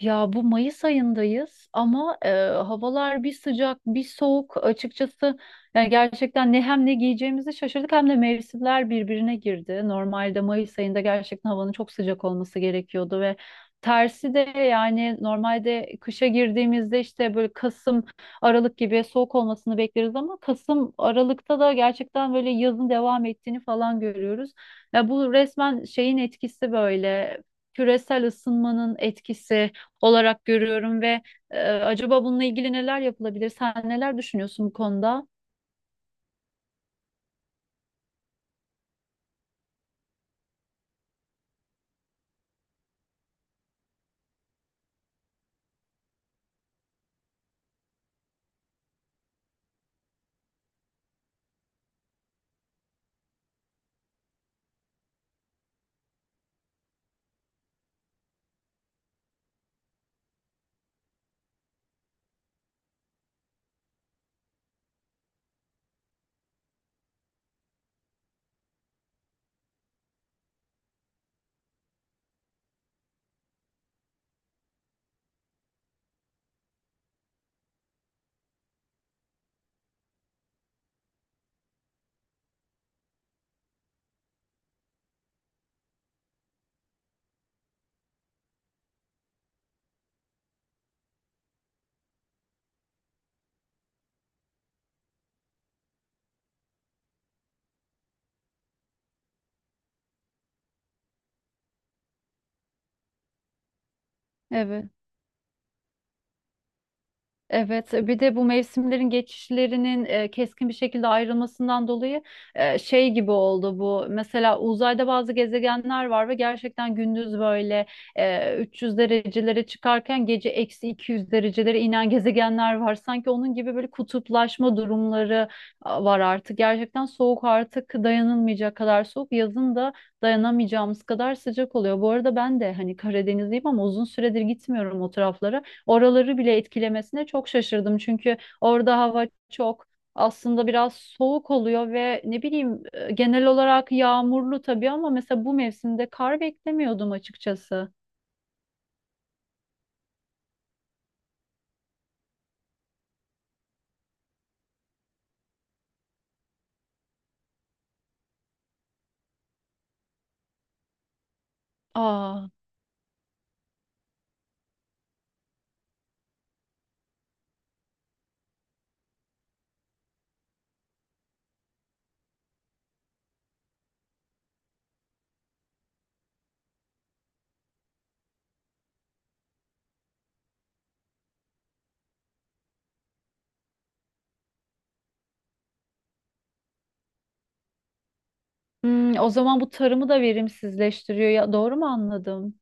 Ya bu Mayıs ayındayız ama havalar bir sıcak bir soğuk açıkçası yani gerçekten ne hem ne giyeceğimizi şaşırdık hem de mevsimler birbirine girdi. Normalde Mayıs ayında gerçekten havanın çok sıcak olması gerekiyordu ve tersi de yani normalde kışa girdiğimizde işte böyle Kasım Aralık gibi soğuk olmasını bekleriz ama Kasım Aralık'ta da gerçekten böyle yazın devam ettiğini falan görüyoruz. Ya bu resmen şeyin etkisi böyle küresel ısınmanın etkisi olarak görüyorum ve acaba bununla ilgili neler yapılabilir? Sen neler düşünüyorsun bu konuda? Evet. Evet, bir de bu mevsimlerin geçişlerinin keskin bir şekilde ayrılmasından dolayı şey gibi oldu bu. Mesela uzayda bazı gezegenler var ve gerçekten gündüz böyle 300 derecelere çıkarken gece eksi 200 derecelere inen gezegenler var. Sanki onun gibi böyle kutuplaşma durumları var artık. Gerçekten soğuk artık dayanılmayacak kadar soğuk. Yazın da dayanamayacağımız kadar sıcak oluyor. Bu arada ben de hani Karadenizliyim ama uzun süredir gitmiyorum o taraflara. Oraları bile etkilemesine çok şaşırdım. Çünkü orada hava çok aslında biraz soğuk oluyor ve ne bileyim genel olarak yağmurlu tabii ama mesela bu mevsimde kar beklemiyordum açıkçası. Aa, hmm, o zaman bu tarımı da verimsizleştiriyor ya doğru mu anladım?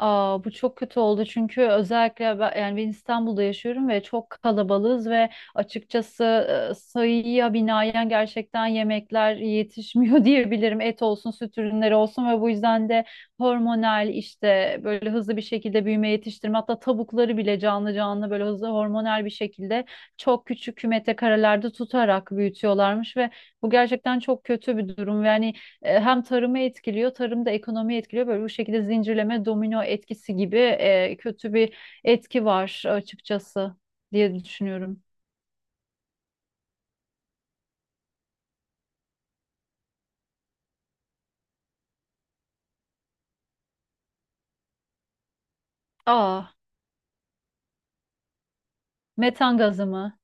Aa, bu çok kötü oldu çünkü özellikle ben, yani ben İstanbul'da yaşıyorum ve çok kalabalığız ve açıkçası sayıya binaen gerçekten yemekler yetişmiyor diyebilirim. Et olsun, süt ürünleri olsun ve bu yüzden de hormonal işte böyle hızlı bir şekilde büyüme yetiştirme hatta tavukları bile canlı canlı böyle hızlı hormonal bir şekilde çok küçük kümete karelerde tutarak büyütüyorlarmış ve bu gerçekten çok kötü bir durum. Yani hem tarımı etkiliyor, tarım da ekonomiyi etkiliyor. Böyle bu şekilde zincirleme domino etkisi gibi kötü bir etki var açıkçası diye düşünüyorum. Aa, metan gazı mı?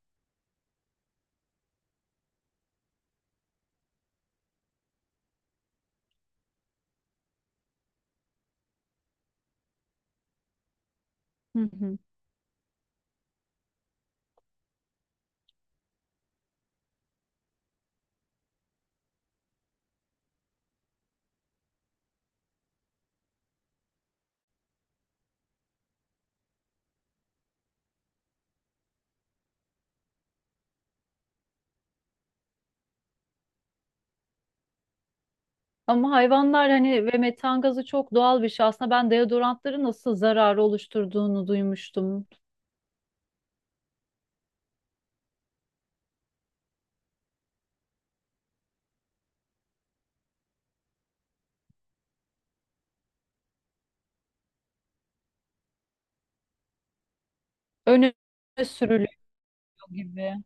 Hı hı. Ama hayvanlar hani ve metan gazı çok doğal bir şey. Aslında ben deodorantları nasıl zararı oluşturduğunu duymuştum. Öne sürülüyor gibi.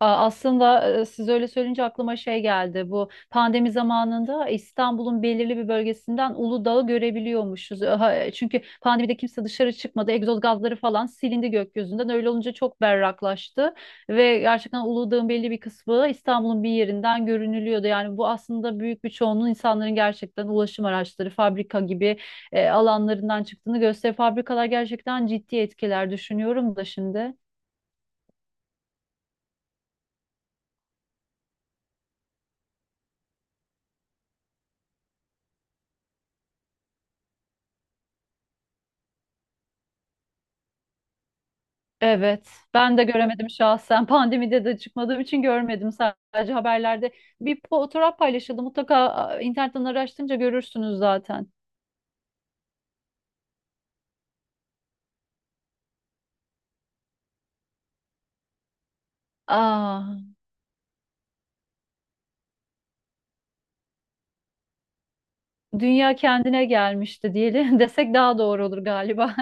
Aslında siz öyle söyleyince aklıma şey geldi. Bu pandemi zamanında İstanbul'un belirli bir bölgesinden Uludağ'ı görebiliyormuşuz. Ha, çünkü pandemide kimse dışarı çıkmadı. Egzoz gazları falan silindi gökyüzünden. Öyle olunca çok berraklaştı ve gerçekten Uludağ'ın belli bir kısmı İstanbul'un bir yerinden görünülüyordu. Yani bu aslında büyük bir çoğunluğun insanların gerçekten ulaşım araçları, fabrika gibi alanlarından çıktığını gösteriyor. Fabrikalar gerçekten ciddi etkiler düşünüyorum da şimdi. Evet, ben de göremedim şahsen. Pandemide de çıkmadığım için görmedim, sadece haberlerde. Bir fotoğraf paylaşıldı. Mutlaka a, internetten araştırınca görürsünüz zaten. Aa, dünya kendine gelmişti diyelim desek daha doğru olur galiba.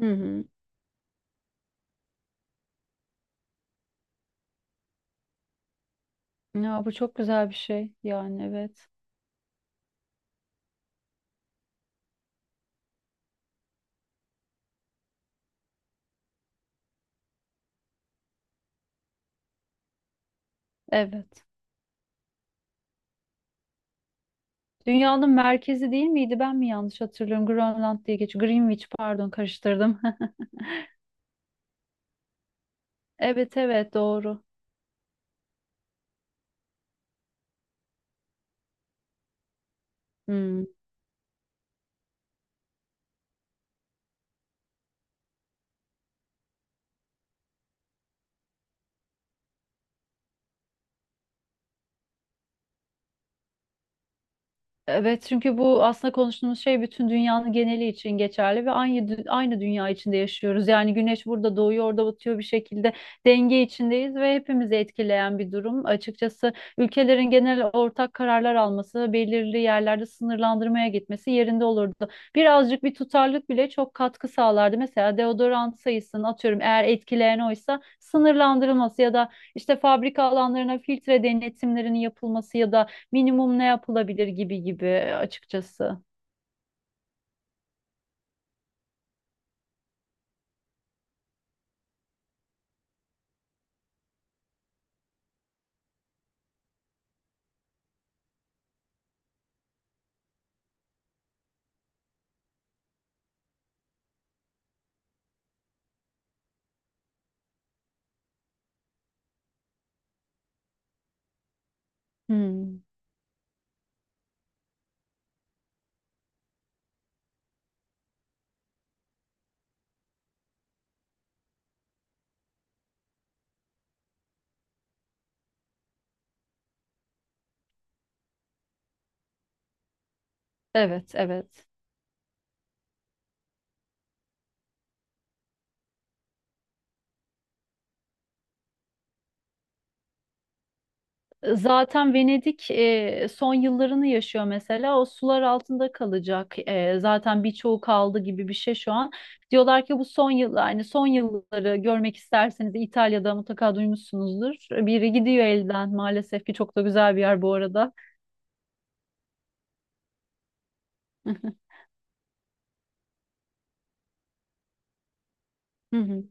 Hı hı. Ya bu çok güzel bir şey. Yani evet. Evet. Dünyanın merkezi değil miydi? Ben mi yanlış hatırlıyorum? Grönland diye geçiyor. Greenwich, pardon, karıştırdım. Evet evet doğru. Hı. Evet, çünkü bu aslında konuştuğumuz şey bütün dünyanın geneli için geçerli ve aynı aynı dünya içinde yaşıyoruz. Yani güneş burada doğuyor, orada batıyor, bir şekilde denge içindeyiz ve hepimizi etkileyen bir durum. Açıkçası ülkelerin genel ortak kararlar alması, belirli yerlerde sınırlandırmaya gitmesi yerinde olurdu. Birazcık bir tutarlılık bile çok katkı sağlardı. Mesela deodorant sayısını atıyorum, eğer etkileyen oysa sınırlandırılması ya da işte fabrika alanlarına filtre denetimlerinin yapılması ya da minimum ne yapılabilir gibi gibi açıkçası. Hmm. Evet, evet. Zaten Venedik son yıllarını yaşıyor mesela. O sular altında kalacak. E, zaten birçoğu kaldı gibi bir şey şu an. Diyorlar ki bu son yıl, yani son yılları görmek isterseniz İtalya'da mutlaka duymuşsunuzdur. Biri gidiyor elden maalesef ki, çok da güzel bir yer bu arada. Hı hı,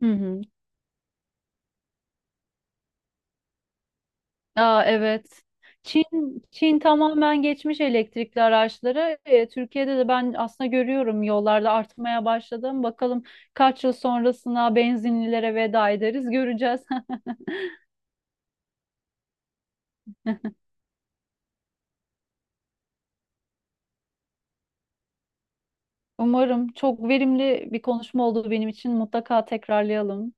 hı hı. Aa, evet. Çin Çin tamamen geçmiş elektrikli araçlara. Türkiye'de de ben aslında görüyorum, yollarda artmaya başladım. Bakalım kaç yıl sonrasına benzinlilere veda ederiz, göreceğiz. Umarım çok verimli bir konuşma oldu benim için. Mutlaka tekrarlayalım.